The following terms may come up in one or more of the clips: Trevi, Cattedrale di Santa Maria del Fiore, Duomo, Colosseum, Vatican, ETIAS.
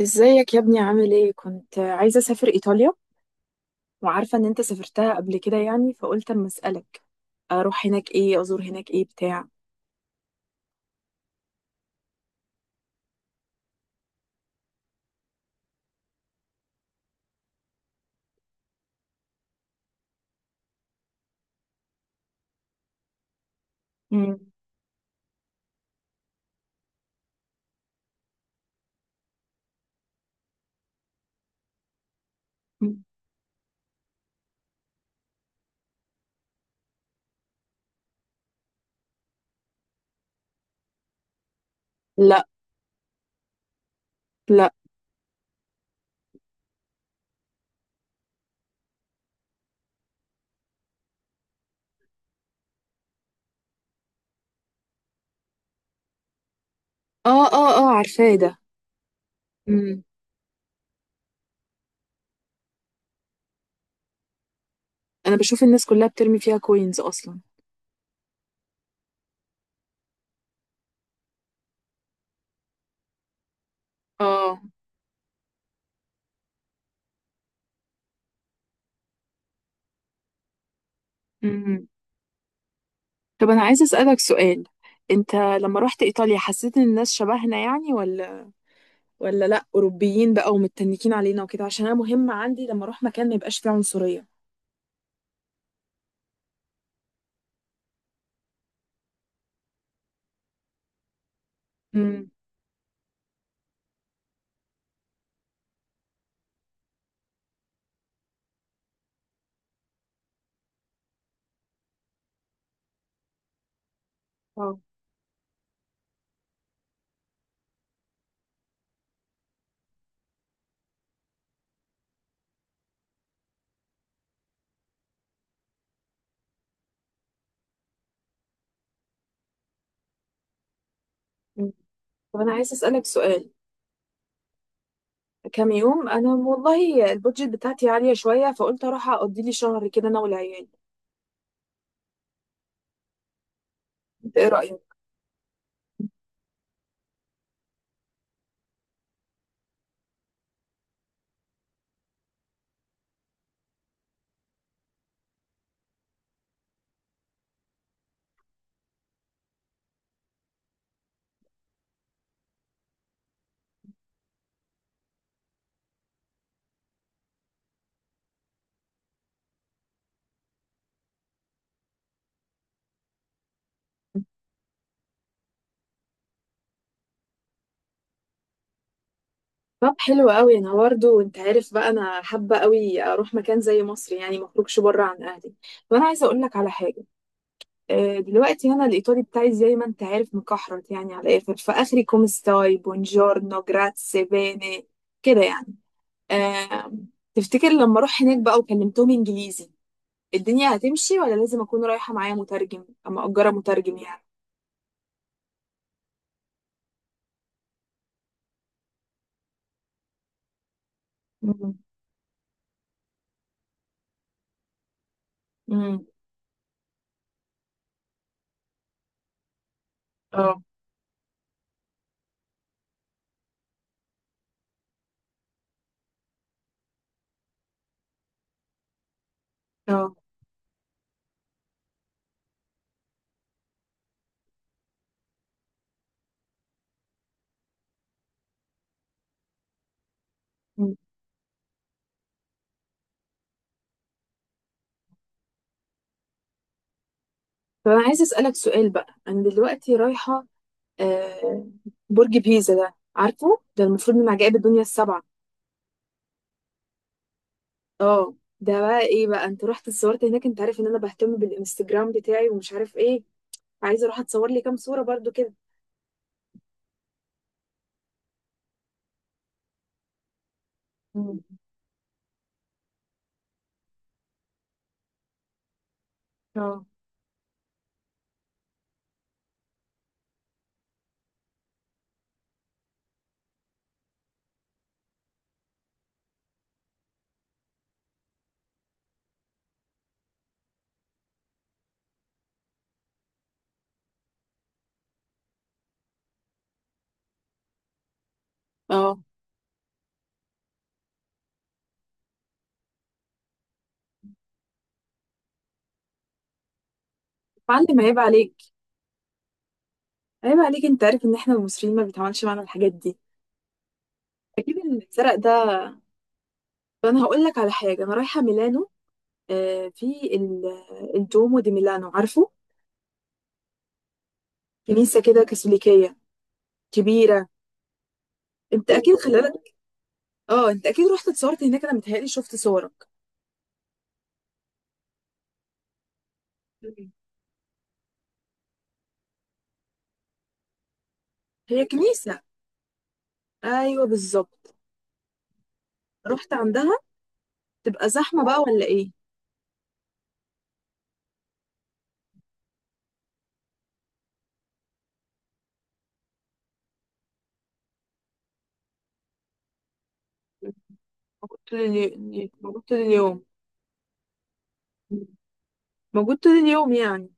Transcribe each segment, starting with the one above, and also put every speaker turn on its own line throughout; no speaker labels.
ازيك يا ابني؟ عامل ايه؟ كنت عايزة اسافر ايطاليا، وعارفة ان انت سافرتها قبل كده يعني، فقلت اما اسألك، اروح هناك ايه؟ ازور هناك ايه؟ بتاع. مم. لا، لا. اه اه اه، عارفاه ده. مم. انا بشوف الناس كلها بترمي فيها كوينز اصلا. اه. مم. طب أنا عايزة أسألك سؤال، أنت لما رحت إيطاليا حسيت إن الناس شبهنا يعني، ولا لأ أوروبيين بقى ومتنكين علينا وكده؟ عشان أنا مهم عندي لما أروح مكان ما يبقاش فيه عنصرية. امم. اه. مم. طب أنا عايزة أسألك سؤال، كام يوم؟ أنا والله البودجت بتاعتي عالية شوية، فقلت أروح أقضي لي شهر كده أنا والعيال. أنت إيه رأيك؟ طب حلو قوي. انا برضه انت عارف بقى، انا حابه قوي اروح مكان زي مصر، يعني ما اخرجش بره عن اهلي. وانا عايزه اقول لك على حاجه. دلوقتي انا الايطالي بتاعي زي ما انت عارف مكحرت يعني، على الاخر، فاخري كومستاي، بونجورنو، جراتسي، بيني، كده يعني. آه، تفتكر لما اروح هناك بقى وكلمتهم انجليزي الدنيا هتمشي، ولا لازم اكون رايحه معايا مترجم اما اجره مترجم يعني؟ مم. امم. اه. اه. مم. طب انا عايزه اسالك سؤال بقى، انا دلوقتي رايحه آه، برج بيزا، ده عارفه ده؟ المفروض من عجائب الدنيا السبعه. اه، ده بقى ايه بقى؟ انت رحت اتصورت هناك؟ انت عارف ان انا بهتم بالانستجرام بتاعي ومش عارف ايه، عايزه اروح اتصور لي كام صوره برضو كده. مم. اه اه. معلم، عيب عليك، عيب عليك، انت عارف ان احنا المصريين ما بيتعملش معانا الحاجات دي. اكيد اللي اتسرق ده. انا هقول لك على حاجه، انا رايحه ميلانو. في ال- الدومو دي ميلانو، عارفه؟ كنيسه كده كاثوليكيه كبيره. انت اكيد خلالك. اه، انت اكيد رحت اتصورت هناك، انا متهيألي شفت صورك. مم. هي كنيسه. ايوه بالظبط. رحت عندها؟ تبقى زحمة بقى ولا ايه؟ موجود طول اليوم؟ موجود طول اليوم؟ موجود طول اليوم يعني؟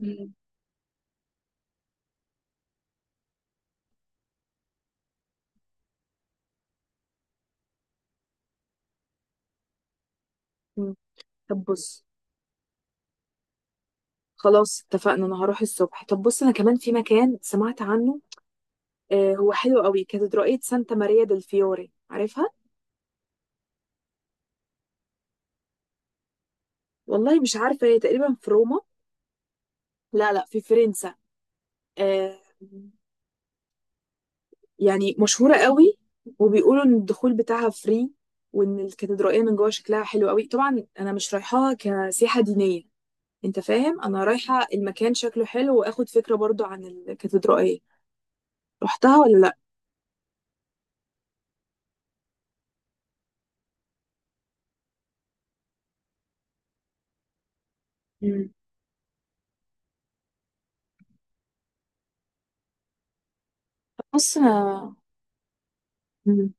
مم. مم. طب بص، خلاص اتفقنا، انا هروح الصبح. طب بص، انا كمان في مكان سمعت عنه، هو حلو قوي، كاتدرائية سانتا ماريا دل فيوري، عارفها؟ والله مش عارفة، هي تقريبا في روما. لا، لا، في فرنسا. آه يعني مشهورة قوي. وبيقولوا ان الدخول بتاعها فري، وان الكاتدرائية من جوه شكلها حلو قوي. طبعا انا مش رايحاها كسياحة دينية، انت فاهم، انا رايحه المكان شكله حلو واخد فكره برضو عن الكاتدرائيه. رحتها ولا لا؟ مم. بص انا. مم.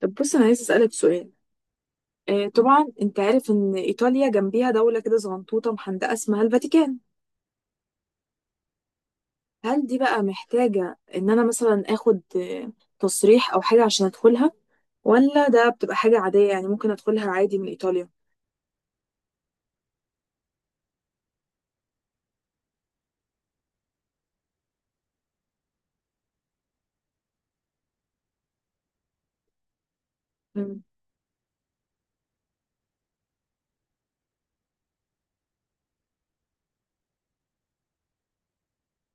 طب بص، انا عايزه اسالك سؤال. طبعا انت عارف ان ايطاليا جنبيها دوله كده صغنطوطه محندقه اسمها الفاتيكان، هل دي بقى محتاجه ان انا مثلا اخد تصريح او حاجه عشان ادخلها، ولا ده بتبقى حاجه عاديه يعني ممكن ادخلها عادي من ايطاليا؟ مم.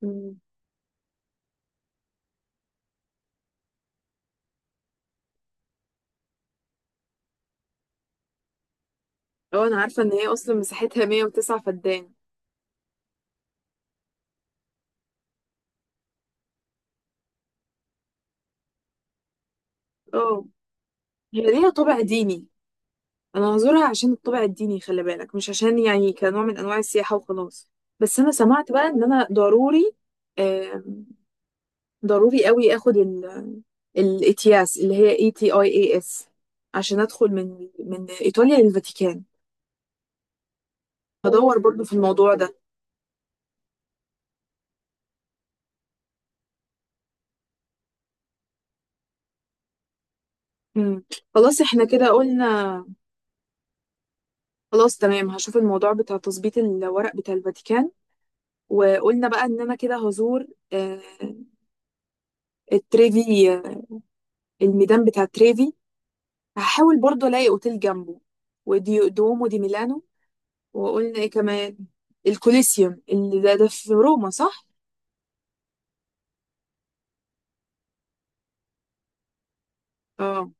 مم. اه، انا عارفه ان هي اصلا مساحتها 109 فدان. اه. هي ليها طابع ديني، انا هزورها عشان الطابع الديني، خلي بالك، مش عشان يعني كنوع من انواع السياحه وخلاص. بس انا سمعت بقى ان انا ضروري، آه ضروري قوي اخد الاتياس، اللي هي ETIAS، عشان ادخل من ايطاليا للفاتيكان. هدور برضو في الموضوع ده. مم. خلاص احنا كده قلنا، خلاص تمام، هشوف الموضوع بتاع تظبيط الورق بتاع الفاتيكان، وقلنا بقى ان انا كده هزور آه التريفي، الميدان بتاع تريفي، هحاول برضو الاقي اوتيل جنبه، ودي دومو دي ميلانو. وقلنا ايه كمان؟ الكوليسيوم، اللي ده في روما، صح؟ اه.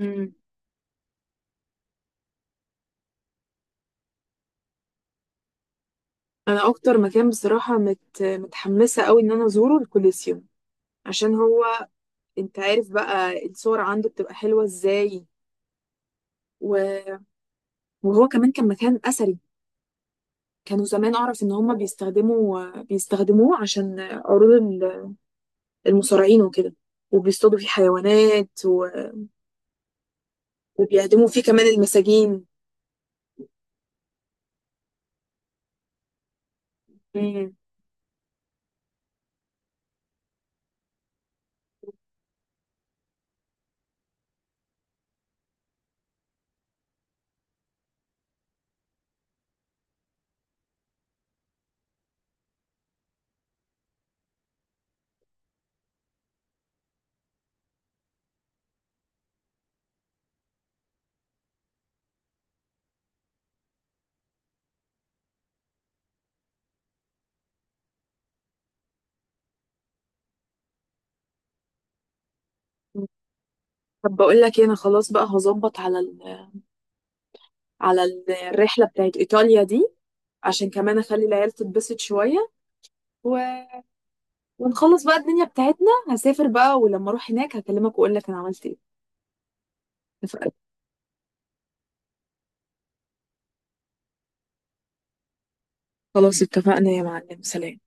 امم. انا اكتر مكان بصراحه متحمسه قوي ان انا ازوره الكوليسيوم، عشان هو، انت عارف بقى الصور عنده بتبقى حلوه ازاي. و- وهو كمان كان مكان اثري، كانوا زمان، اعرف ان هما بيستخدموه عشان عروض المصارعين وكده، وبيصطادوا فيه حيوانات، و- وبيعدموا فيه كمان المساجين. مم. طب بقول لك إيه، انا خلاص بقى هظبط على الرحله بتاعت ايطاليا دي، عشان كمان اخلي العيال تتبسط شويه. و... ونخلص بقى الدنيا بتاعتنا. هسافر بقى، ولما اروح هناك هكلمك واقول لك انا عملت ايه. اتفقنا. خلاص اتفقنا يا معلم، سلام.